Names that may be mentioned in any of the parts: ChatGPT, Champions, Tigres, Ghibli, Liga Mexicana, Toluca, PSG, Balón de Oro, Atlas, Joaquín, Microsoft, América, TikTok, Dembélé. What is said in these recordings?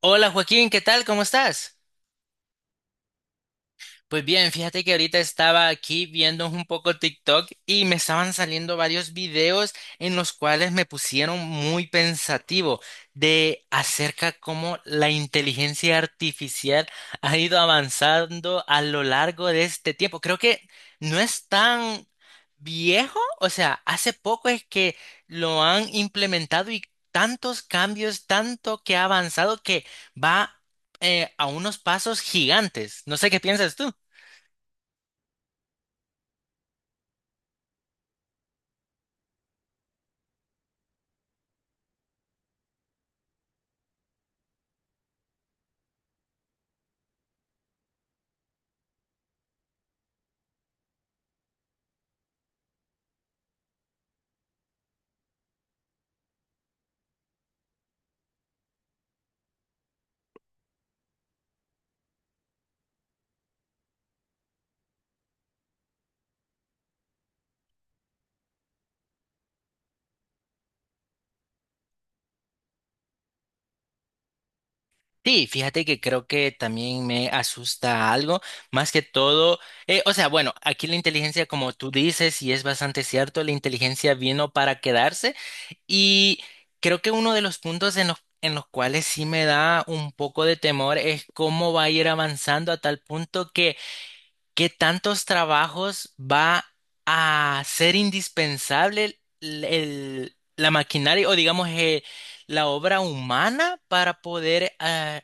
Hola Joaquín, ¿qué tal? ¿Cómo estás? Pues bien, fíjate que ahorita estaba aquí viendo un poco TikTok y me estaban saliendo varios videos en los cuales me pusieron muy pensativo de acerca cómo la inteligencia artificial ha ido avanzando a lo largo de este tiempo. Creo que no es tan viejo, o sea, hace poco es que lo han implementado y tantos cambios, tanto que ha avanzado que va a unos pasos gigantes. No sé qué piensas tú. Sí, fíjate que creo que también me asusta algo, más que todo, o sea, bueno, aquí la inteligencia, como tú dices, y es bastante cierto, la inteligencia vino para quedarse y creo que uno de los puntos en los cuales sí me da un poco de temor es cómo va a ir avanzando a tal punto que ¿qué tantos trabajos va a ser indispensable la maquinaria o digamos la obra humana para poder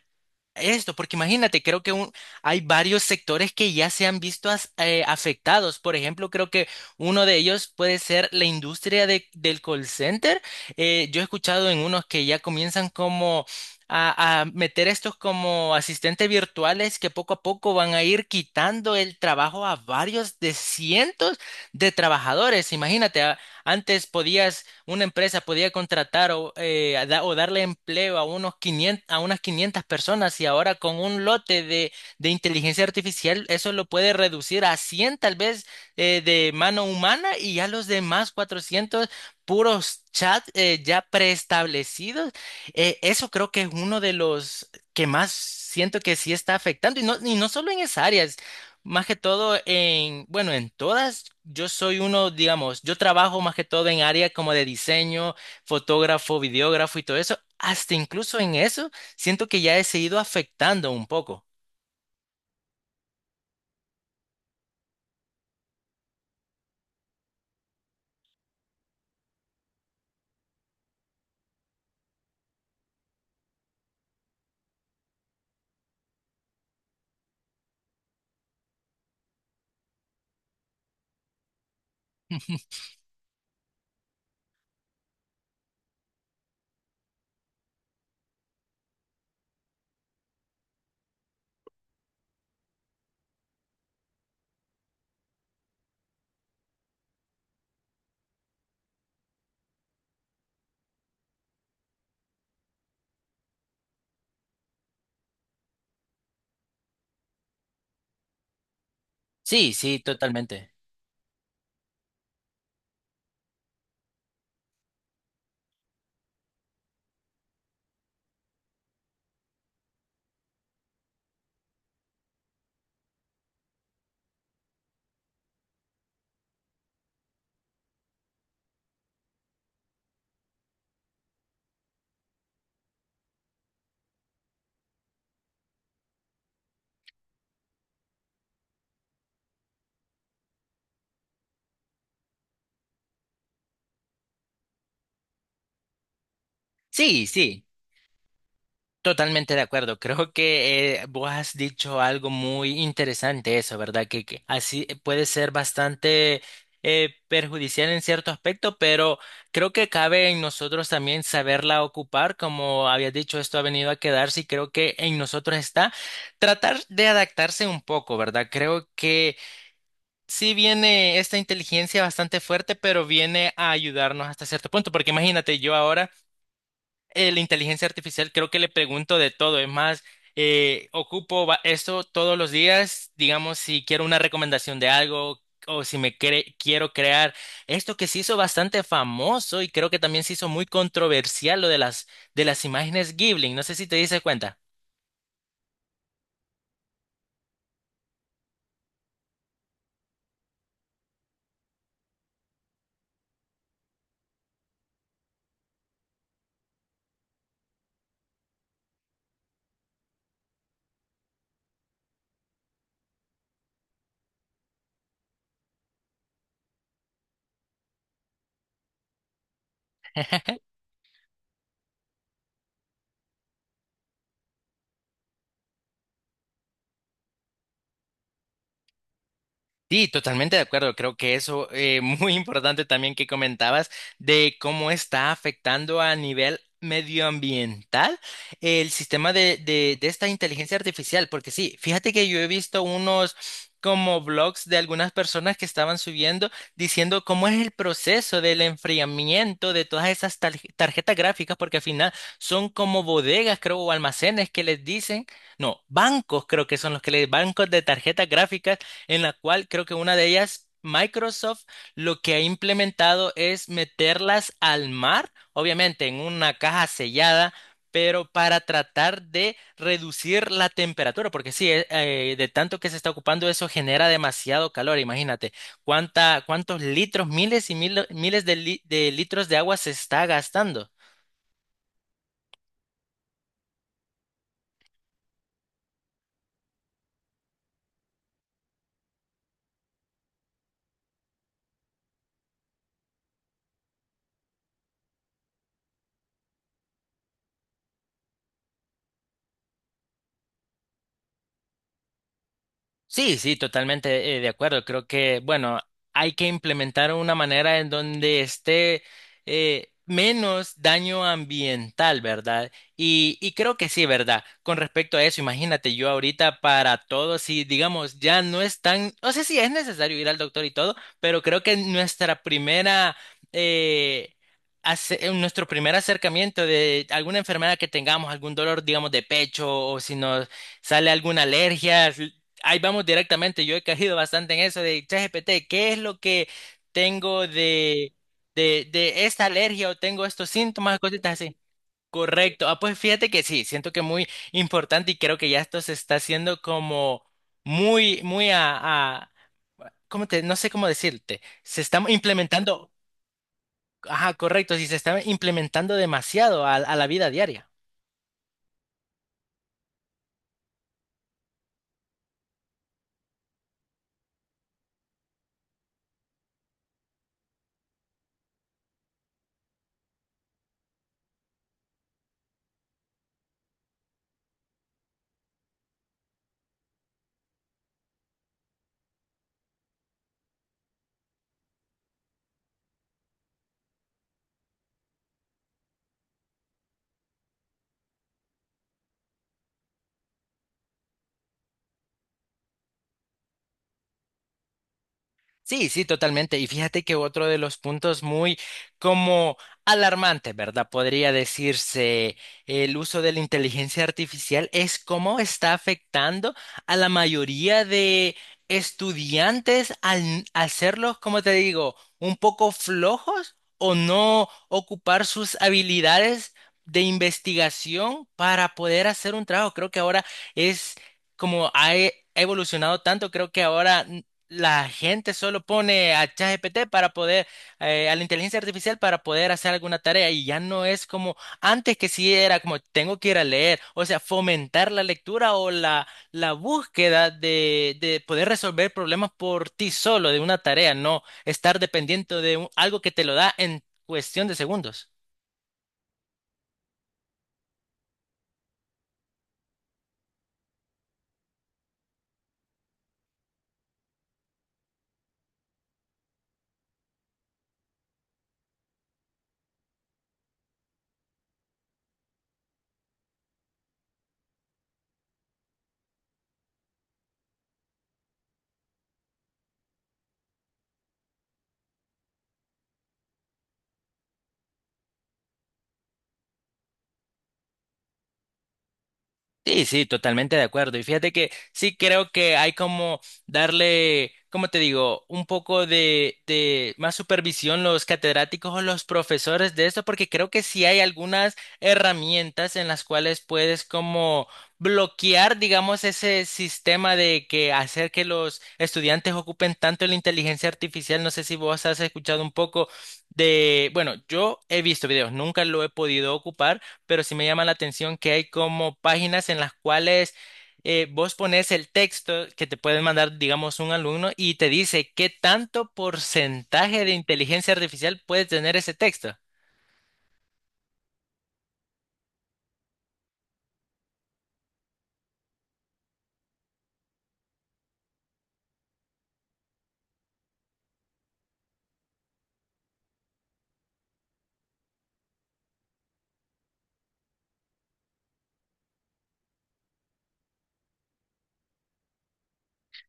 esto? Porque imagínate, creo que hay varios sectores que ya se han visto afectados. Por ejemplo, creo que uno de ellos puede ser la industria del call center. Yo he escuchado en unos que ya comienzan como a meter estos como asistentes virtuales que poco a poco van a ir quitando el trabajo a varios de cientos de trabajadores. Imagínate, antes podías, una empresa podía contratar o darle empleo a unos 500 a unas 500 personas y ahora con un lote de inteligencia artificial eso lo puede reducir a 100 tal vez de mano humana y ya los demás 400 puros chats ya preestablecidos, eso creo que es uno de los que más siento que sí está afectando, y no solo en esas áreas, más que todo en, bueno, en todas, yo soy uno, digamos, yo trabajo más que todo en áreas como de diseño, fotógrafo, videógrafo y todo eso, hasta incluso en eso siento que ya he seguido afectando un poco. Sí, sí, totalmente. Sí, sí. Totalmente de acuerdo. Creo que vos has dicho algo muy interesante eso, ¿verdad? Que así puede ser bastante perjudicial en cierto aspecto, pero creo que cabe en nosotros también saberla ocupar. Como habías dicho, esto ha venido a quedarse y creo que en nosotros está tratar de adaptarse un poco, ¿verdad? Creo que sí viene esta inteligencia bastante fuerte, pero viene a ayudarnos hasta cierto punto, porque imagínate yo ahora la inteligencia artificial creo que le pregunto de todo. Es más, ocupo esto todos los días, digamos, si quiero una recomendación de algo o si me quiero crear esto que se hizo bastante famoso y creo que también se hizo muy controversial lo de las imágenes Ghibli. No sé si te dices cuenta. Sí, totalmente de acuerdo. Creo que eso muy importante también que comentabas de cómo está afectando a nivel medioambiental el sistema de esta inteligencia artificial. Porque sí, fíjate que yo he visto unos como blogs de algunas personas que estaban subiendo diciendo cómo es el proceso del enfriamiento de todas esas tarjetas gráficas, porque al final son como bodegas, creo, o almacenes que les dicen, no, bancos creo que son los que les, bancos de tarjetas gráficas en la cual creo que una de ellas, Microsoft, lo que ha implementado es meterlas al mar, obviamente en una caja sellada. Pero para tratar de reducir la temperatura, porque sí, de tanto que se está ocupando eso genera demasiado calor, imagínate cuánta, cuántos litros, miles y miles de litros de agua se está gastando. Sí, sí, totalmente de acuerdo. Creo que, bueno, hay que implementar una manera en donde esté menos daño ambiental, ¿verdad? Y creo que sí, ¿verdad? Con respecto a eso, imagínate yo ahorita para todos, si digamos, ya no es tan, o sea, sí es necesario ir al doctor y todo, pero creo que eh, nuestro primer acercamiento de alguna enfermedad que tengamos, algún dolor, digamos, de pecho, o si nos sale alguna alergia, ahí vamos directamente. Yo he caído bastante en eso de ChatGPT. ¿Qué es lo que tengo de, de esta alergia o tengo estos síntomas, cositas así? Correcto. Ah, pues fíjate que sí, siento que muy importante y creo que ya esto se está haciendo como muy, muy a, ¿cómo te, no sé cómo decirte? Se está implementando, ajá, correcto, sí, se está implementando demasiado a la vida diaria. Sí, sí, totalmente. Y fíjate que otro de los puntos muy como alarmantes, ¿verdad? Podría decirse el uso de la inteligencia artificial es cómo está afectando a la mayoría de estudiantes al hacerlos, como te digo, un poco flojos o no ocupar sus habilidades de investigación para poder hacer un trabajo. Creo que ahora es como ha ha evolucionado tanto, creo que ahora la gente solo pone a ChatGPT para poder, a la inteligencia artificial para poder hacer alguna tarea y ya no es como antes que sí era como tengo que ir a leer, o sea, fomentar la lectura o la búsqueda de poder resolver problemas por ti solo, de una tarea, no estar dependiente de algo que te lo da en cuestión de segundos. Sí, sí, totalmente de acuerdo. Y fíjate que sí creo que hay como darle, como te digo, un poco de más supervisión los catedráticos o los profesores de esto, porque creo que sí hay algunas herramientas en las cuales puedes como bloquear, digamos, ese sistema de que hacer que los estudiantes ocupen tanto la inteligencia artificial. No sé si vos has escuchado un poco de, bueno, yo he visto videos, nunca lo he podido ocupar pero sí me llama la atención que hay como páginas en las cuales vos pones el texto que te pueden mandar, digamos, un alumno y te dice qué tanto porcentaje de inteligencia artificial puede tener ese texto.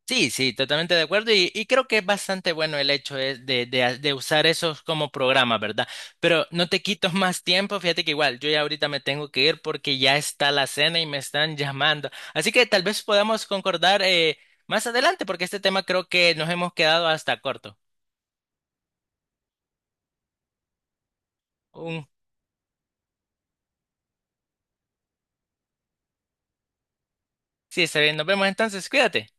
Sí, sí, totalmente de acuerdo y creo que es bastante bueno el hecho es de usar esos como programas, ¿verdad? Pero no te quito más tiempo, fíjate que igual yo ya ahorita me tengo que ir porque ya está la cena y me están llamando. Así que tal vez podamos concordar más adelante porque este tema creo que nos hemos quedado hasta corto. Un- sí, está bien, nos vemos entonces, cuídate.